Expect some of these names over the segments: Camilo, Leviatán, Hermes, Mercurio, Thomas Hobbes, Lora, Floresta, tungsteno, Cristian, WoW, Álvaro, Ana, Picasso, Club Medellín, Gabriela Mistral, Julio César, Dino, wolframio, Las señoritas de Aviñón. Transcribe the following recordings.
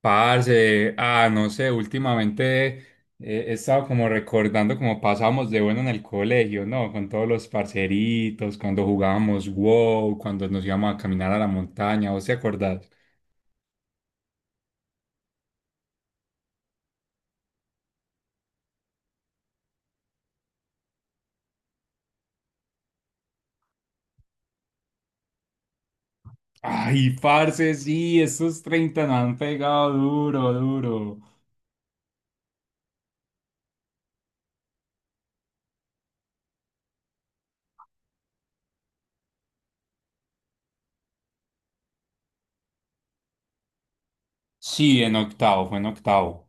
Parce, no sé, últimamente, he estado como recordando cómo pasábamos de bueno en el colegio, ¿no? Con todos los parceritos, cuando jugábamos WoW, cuando nos íbamos a caminar a la montaña, ¿vos te acordás? Ay, parce, sí, esos 30 nos han pegado duro, duro. Sí, en octavo, fue en octavo.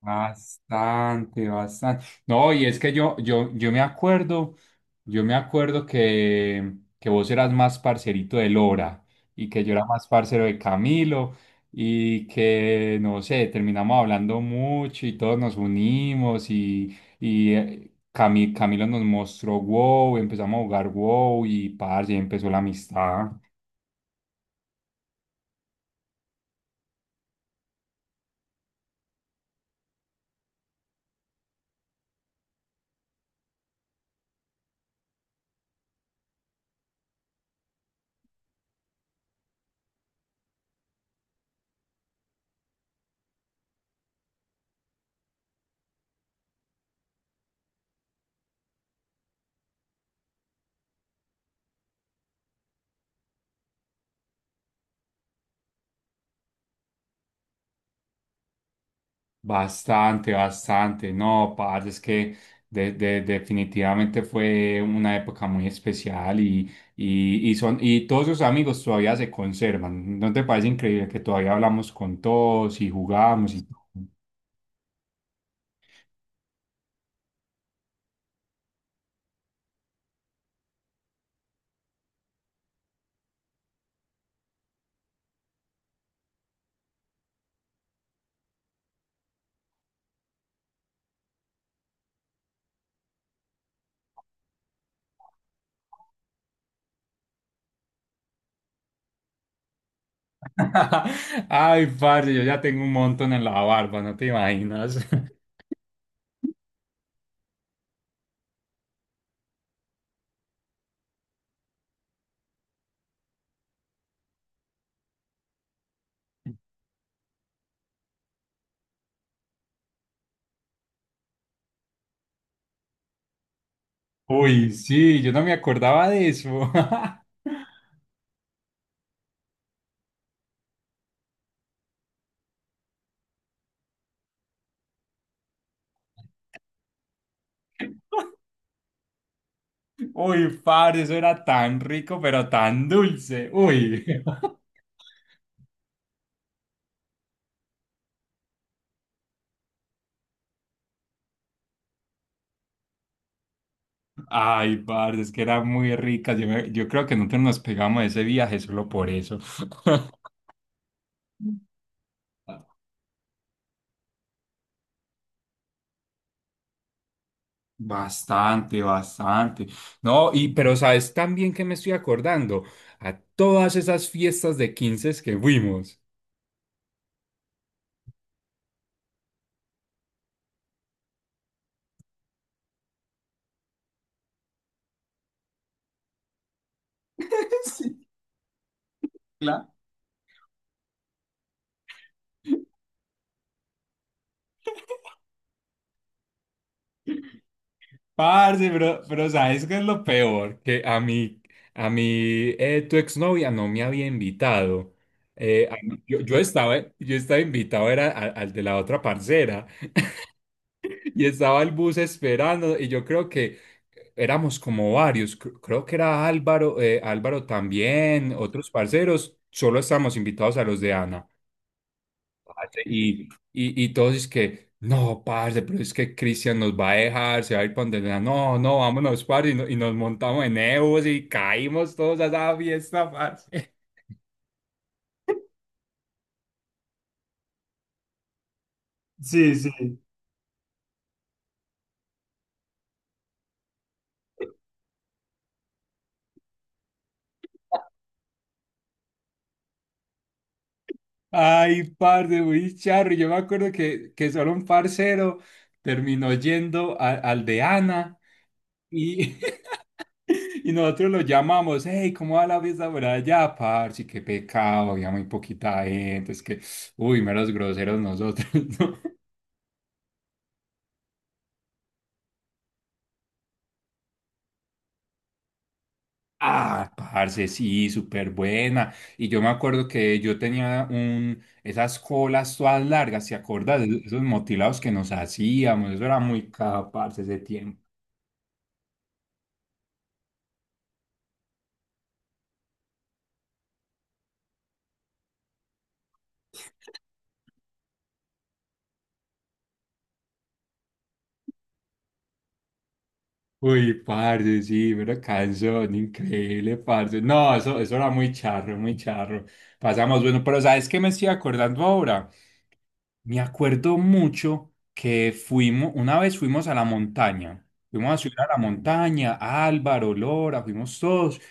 Bastante, bastante. No, y es que yo me acuerdo. Yo me acuerdo que vos eras más parcerito de Lora y que yo era más parcero de Camilo y que, no sé, terminamos hablando mucho y todos nos unimos y Camilo nos mostró WoW, empezamos a jugar WoW y parce, ahí empezó la amistad. Bastante, bastante. No, parce, es que definitivamente fue una época muy especial y todos sus amigos todavía se conservan. ¿No te parece increíble que todavía hablamos con todos y jugamos y todo? Ay, parce, yo ya tengo un montón en la barba, no te imaginas. Uy, sí, yo no me acordaba de eso. Uy, padre, eso era tan rico, pero tan dulce. Uy. Ay, parce, es que eran muy ricas. Yo yo creo que nosotros nos pegamos ese viaje solo por eso. Bastante, bastante. No, y pero sabes también que me estoy acordando a todas esas fiestas de 15 que fuimos. Sí, claro. Parce, pero ¿sabes qué es lo peor? Que a mí, a mi tu exnovia no me había invitado. Yo estaba invitado, era al de la otra parcera. Y estaba el bus esperando y yo creo que éramos como varios, creo que era Álvaro, Álvaro también, otros parceros, solo estábamos invitados a los de Ana. Parce, y, y todos es que, no, parce, pero es que Cristian nos va a dejar, se va a ir para donde Ana. No, no, vámonos, parce, y y nos montamos en Ebus y caímos todos a esa fiesta, parce. Sí, sí. Ay, parce, muy charro. Yo me acuerdo que solo un parcero terminó yendo al de Ana. Y, y nosotros lo llamamos, hey, ¿cómo va la fiesta por allá, parce? Qué pecado, había muy poquita gente, es que, uy, meros groseros nosotros, ¿no? Ah, parce, sí, súper buena. Y yo me acuerdo que yo tenía un, esas colas todas largas, ¿te acuerdas? Esos motilados que nos hacíamos, eso era muy caro, parce, ese tiempo. Uy, parce, sí, pero canción, increíble, parce. No, eso era muy charro, muy charro. Pasamos, bueno, pero ¿sabes qué me estoy acordando ahora? Me acuerdo mucho que fuimos, una vez fuimos a la montaña, fuimos a subir a la montaña, Álvaro, Lora, fuimos todos.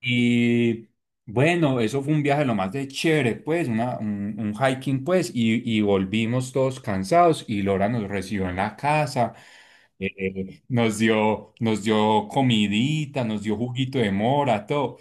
Y bueno, eso fue un viaje lo más de chévere, pues, un hiking, pues, y volvimos todos cansados y Lora nos recibió en la casa. Nos dio comidita, nos dio juguito de mora, todo.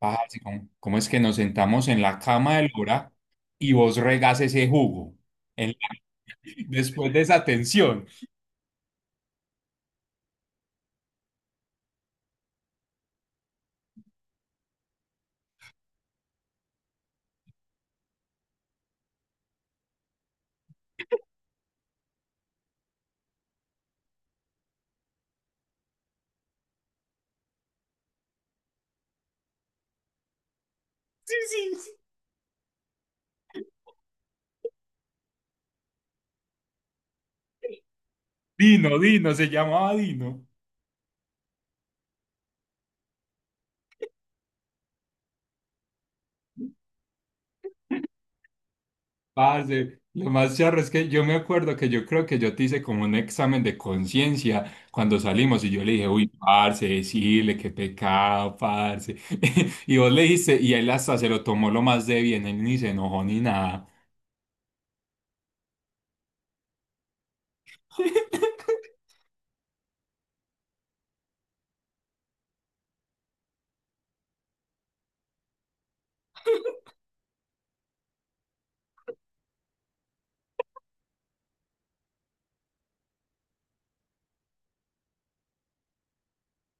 Ah, así como, ¿cómo es que nos sentamos en la cama de Lora y vos regás ese jugo? En la- después de esa atención. Sí, sí, sí. Dino, Dino, se llamaba Dino. Parce, lo más charro es que yo me acuerdo que yo creo que yo te hice como un examen de conciencia cuando salimos y yo le dije, uy, parce, decirle qué pecado, parce. Y vos le dijiste, y él hasta se lo tomó lo más de bien, él ni se enojó ni nada.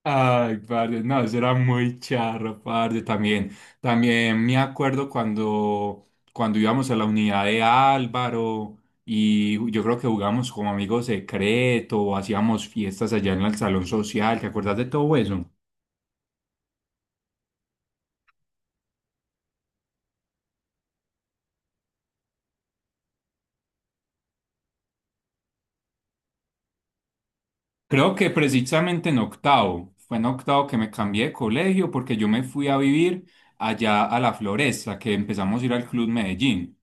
Ay, parce, no, eso era muy charro, parce, también. También me acuerdo cuando, cuando íbamos a la unidad de Álvaro y yo creo que jugábamos como amigos secreto, o hacíamos fiestas allá en el salón social, ¿te acuerdas de todo eso? Creo que precisamente en octavo, fue en octavo que me cambié de colegio porque yo me fui a vivir allá a la Floresta, que empezamos a ir al Club Medellín.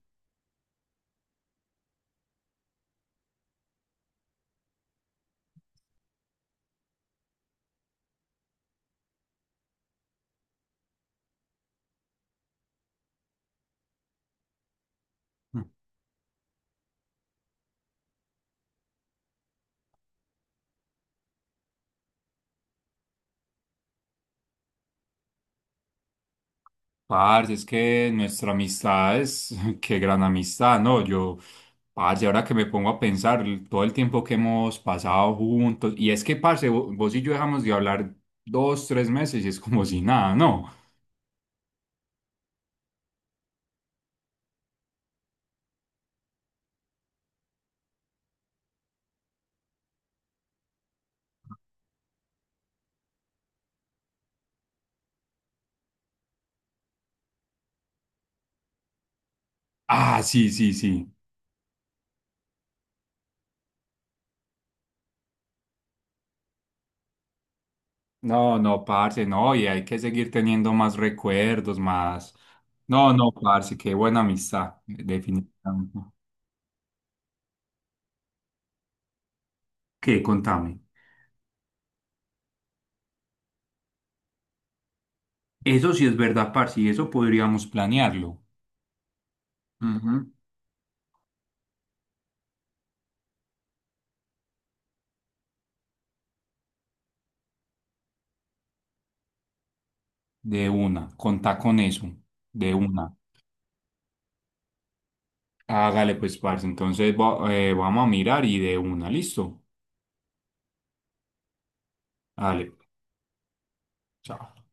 Parce, es que nuestra amistad es, qué gran amistad, ¿no? Yo, parce, ahora que me pongo a pensar todo el tiempo que hemos pasado juntos, y es que, parce, vos y yo dejamos de hablar dos, tres meses y es como si nada, ¿no? Ah, sí, sí, sí. No, no, parce, no, y hay que seguir teniendo más recuerdos, más. No, no, parce, qué buena amistad, definitivamente. ¿Qué? Contame. Eso sí es verdad, parce, y eso podríamos planearlo. Ujú. De una, contá con eso, de una. Hágale pues, parce. Entonces vamos a mirar y de una, listo. Hágale. Chao.